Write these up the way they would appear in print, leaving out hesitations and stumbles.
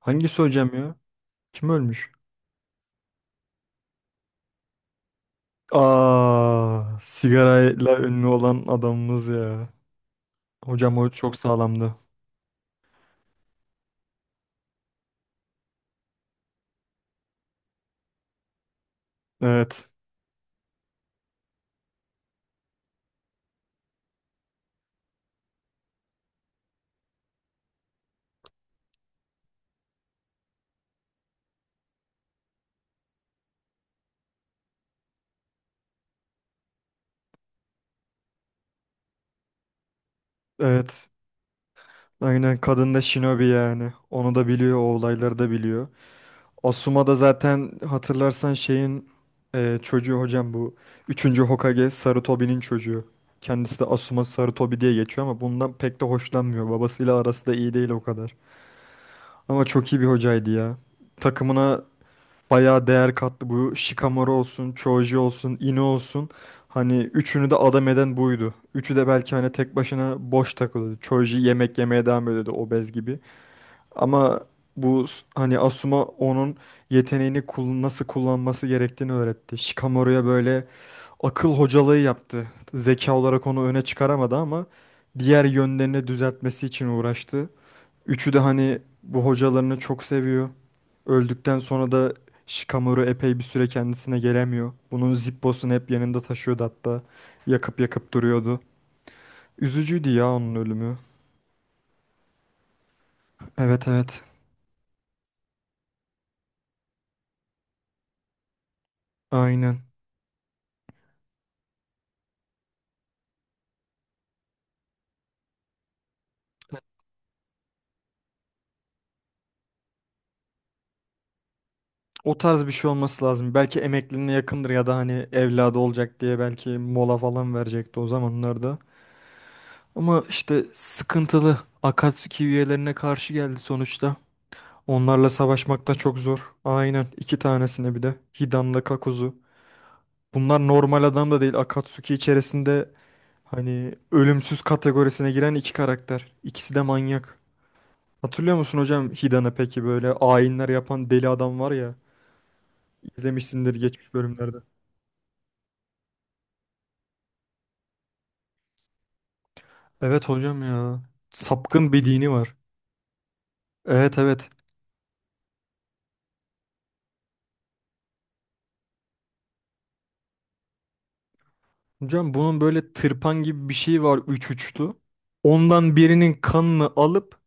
Hangisi hocam ya? Kim ölmüş? Aa, sigarayla ünlü olan adamımız ya. Hocam o çok sağlamdı. Evet. Evet. Aynen kadın da Shinobi yani. Onu da biliyor, o olayları da biliyor. Asuma da zaten hatırlarsan şeyin çocuğu hocam bu. Üçüncü Hokage Sarutobi'nin çocuğu. Kendisi de Asuma Sarutobi diye geçiyor ama bundan pek de hoşlanmıyor. Babasıyla arası da iyi değil o kadar. Ama çok iyi bir hocaydı ya. Takımına bayağı değer katlı Bu Shikamaru olsun, Choji olsun, Ino olsun. Hani üçünü de adam eden buydu. Üçü de belki hani tek başına boş takılıyordu. Choji yemek yemeye devam ediyordu obez gibi. Ama bu hani Asuma onun yeteneğini nasıl kullanması gerektiğini öğretti. Shikamaru'ya böyle akıl hocalığı yaptı. Zeka olarak onu öne çıkaramadı ama diğer yönlerini düzeltmesi için uğraştı. Üçü de hani bu hocalarını çok seviyor. Öldükten sonra da Shikamaru epey bir süre kendisine gelemiyor. Bunun Zippo'sunu hep yanında taşıyordu hatta. Yakıp yakıp duruyordu. Üzücüydü ya onun ölümü. Evet evet. Aynen. O tarz bir şey olması lazım. Belki emekliliğine yakındır ya da hani evladı olacak diye belki mola falan verecekti o zamanlarda. Ama işte sıkıntılı. Akatsuki üyelerine karşı geldi sonuçta. Onlarla savaşmak da çok zor. Aynen. İki tanesine bir de. Hidan'la Kakuzu. Bunlar normal adam da değil. Akatsuki içerisinde hani ölümsüz kategorisine giren iki karakter. İkisi de manyak. Hatırlıyor musun hocam Hidan'ı peki böyle ayinler yapan deli adam var ya. İzlemişsindir geçmiş bölümlerde. Evet hocam ya. Sapkın bir dini var. Evet evet. Hocam bunun böyle tırpan gibi bir şey var üç uçlu. Ondan birinin kanını alıp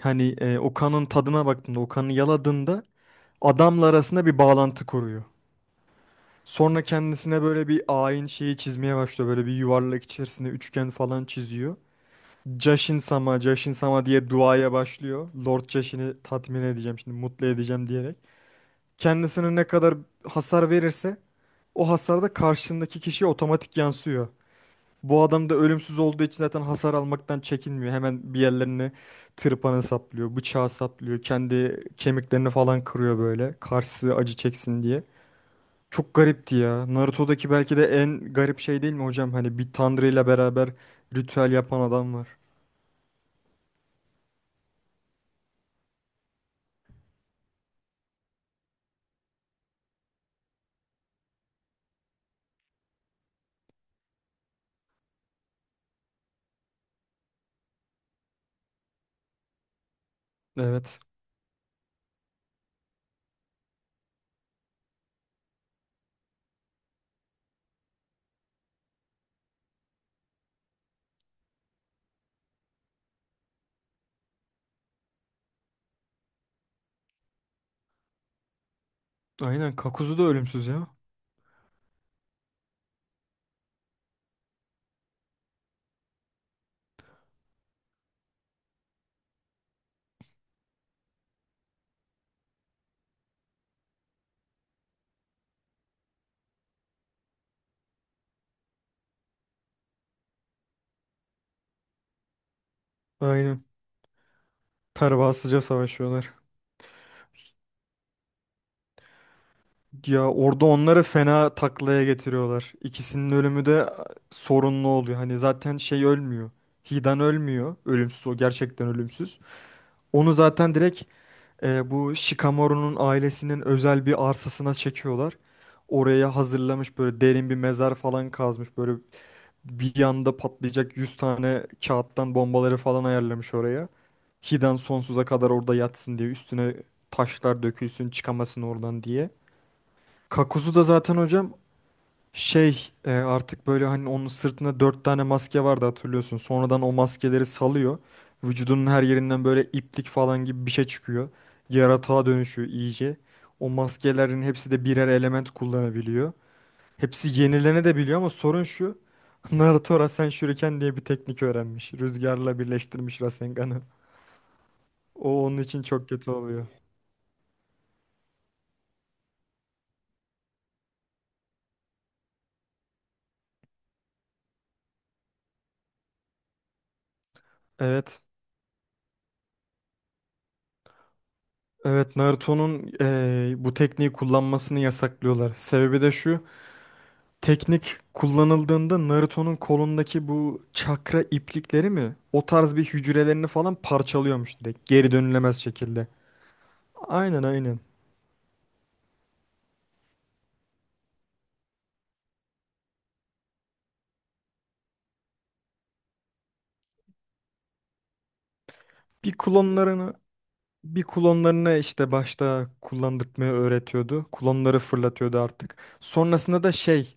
hani o kanın tadına baktığında o kanı yaladığında adamla arasında bir bağlantı kuruyor. Sonra kendisine böyle bir ayin şeyi çizmeye başlıyor. Böyle bir yuvarlak içerisinde üçgen falan çiziyor. Jashin sama, Jashin sama diye duaya başlıyor. Lord Jashin'i tatmin edeceğim şimdi, mutlu edeceğim diyerek. Kendisine ne kadar hasar verirse o hasar da karşındaki kişiye otomatik yansıyor. Bu adam da ölümsüz olduğu için zaten hasar almaktan çekinmiyor. Hemen bir yerlerini tırpanı saplıyor, bıçağı saplıyor, kendi kemiklerini falan kırıyor böyle. Karşısı acı çeksin diye. Çok garipti ya. Naruto'daki belki de en garip şey değil mi hocam? Hani bir tanrı ile beraber ritüel yapan adam var. Evet. Aynen. Kakuzu da ölümsüz ya. Aynen. Pervasızca savaşıyorlar. Ya orada onları fena taklaya getiriyorlar. İkisinin ölümü de sorunlu oluyor. Hani zaten şey ölmüyor. Hidan ölmüyor. Ölümsüz o gerçekten ölümsüz. Onu zaten direkt bu Shikamaru'nun ailesinin özel bir arsasına çekiyorlar. Oraya hazırlamış böyle derin bir mezar falan kazmış. Böyle bir yanda patlayacak 100 tane kağıttan bombaları falan ayarlamış oraya. Hiden sonsuza kadar orada yatsın diye üstüne taşlar dökülsün çıkamasın oradan diye. Kakuzu da zaten hocam şey artık böyle hani onun sırtında dört tane maske vardı hatırlıyorsun. Sonradan o maskeleri salıyor. Vücudunun her yerinden böyle iplik falan gibi bir şey çıkıyor. Yaratığa dönüşüyor iyice. O maskelerin hepsi de birer element kullanabiliyor. Hepsi yenilene de biliyor ama sorun şu. Naruto Rasen Shuriken diye bir teknik öğrenmiş. Rüzgarla birleştirmiş Rasengan'ı. O onun için çok kötü oluyor. Evet. Evet Naruto'nun bu tekniği kullanmasını yasaklıyorlar. Sebebi de şu. Teknik kullanıldığında Naruto'nun kolundaki bu çakra iplikleri mi? O tarz bir hücrelerini falan parçalıyormuş direkt. Geri dönülemez şekilde. Aynen aynen. Bir klonlarını Bir klonlarını işte başta kullandırtmayı öğretiyordu. Klonları fırlatıyordu artık. Sonrasında da şey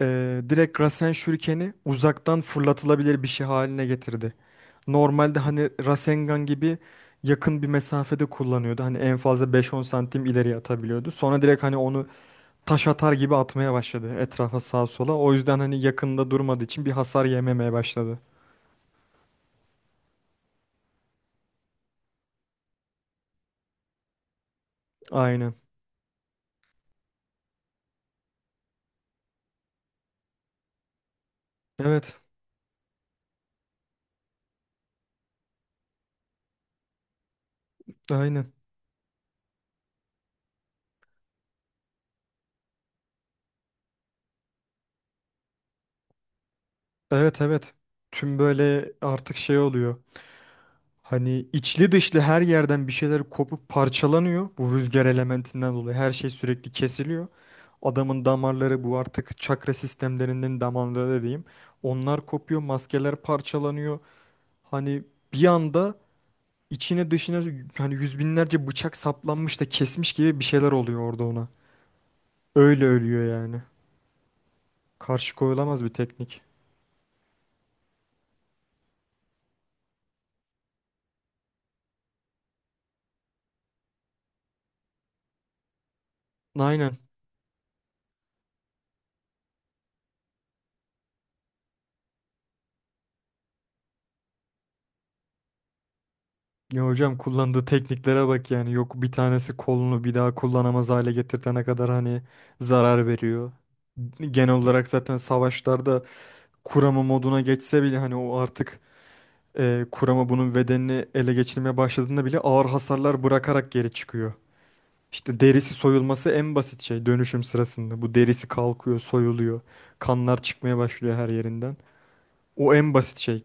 direkt Rasen Shuriken'i uzaktan fırlatılabilir bir şey haline getirdi. Normalde hani Rasengan gibi yakın bir mesafede kullanıyordu. Hani en fazla beş on santim ileriye atabiliyordu. Sonra direkt hani onu taş atar gibi atmaya başladı etrafa sağa sola. O yüzden hani yakında durmadığı için bir hasar yememeye başladı. Aynen. Evet. Aynen. Evet evet. Tüm böyle artık şey oluyor. Hani içli dışlı her yerden bir şeyler kopup parçalanıyor. Bu rüzgar elementinden dolayı her şey sürekli kesiliyor. Adamın damarları bu artık çakra sistemlerinin damarları diyeyim. Onlar kopuyor, maskeler parçalanıyor. Hani bir anda içine dışına hani yüz binlerce bıçak saplanmış da kesmiş gibi bir şeyler oluyor orada ona. Öyle ölüyor yani. Karşı koyulamaz bir teknik. Aynen. Ya hocam kullandığı tekniklere bak yani yok bir tanesi kolunu bir daha kullanamaz hale getirtene kadar hani zarar veriyor. Genel olarak zaten savaşlarda kurama moduna geçse bile hani o artık kurama bunun bedenini ele geçirmeye başladığında bile ağır hasarlar bırakarak geri çıkıyor. İşte derisi soyulması en basit şey dönüşüm sırasında. Bu derisi kalkıyor, soyuluyor. Kanlar çıkmaya başlıyor her yerinden. O en basit şey.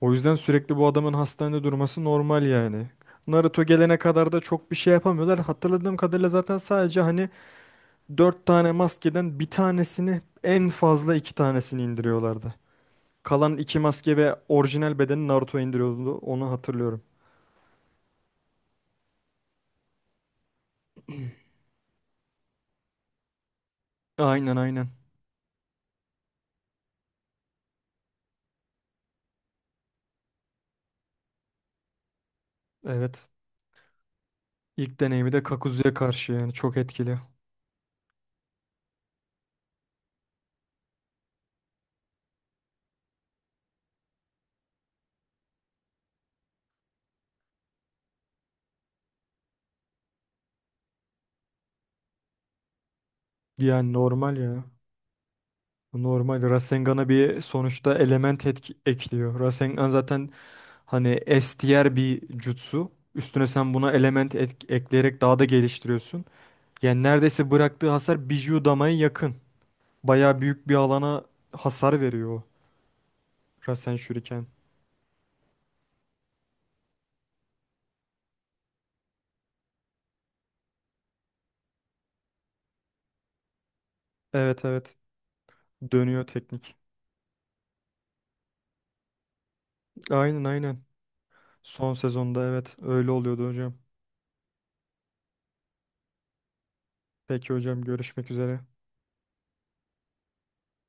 O yüzden sürekli bu adamın hastanede durması normal yani. Naruto gelene kadar da çok bir şey yapamıyorlar. Hatırladığım kadarıyla zaten sadece hani 4 tane maskeden bir tanesini en fazla 2 tanesini indiriyorlardı. Kalan 2 maske ve orijinal bedeni Naruto indiriyordu. Onu hatırlıyorum. Aynen aynen. Evet. İlk deneyimi de Kakuzu'ya karşı yani çok etkili. Yani normal ya. Normal Rasengan'a bir sonuçta element ekliyor. Rasengan zaten hani S tier bir jutsu. Üstüne sen buna element ekleyerek daha da geliştiriyorsun. Yani neredeyse bıraktığı hasar Biju Dama'ya yakın. Bayağı büyük bir alana hasar veriyor o Rasen Shuriken. Evet evet dönüyor teknik. Aynen aynen. Son sezonda evet öyle oluyordu hocam. Peki hocam görüşmek üzere.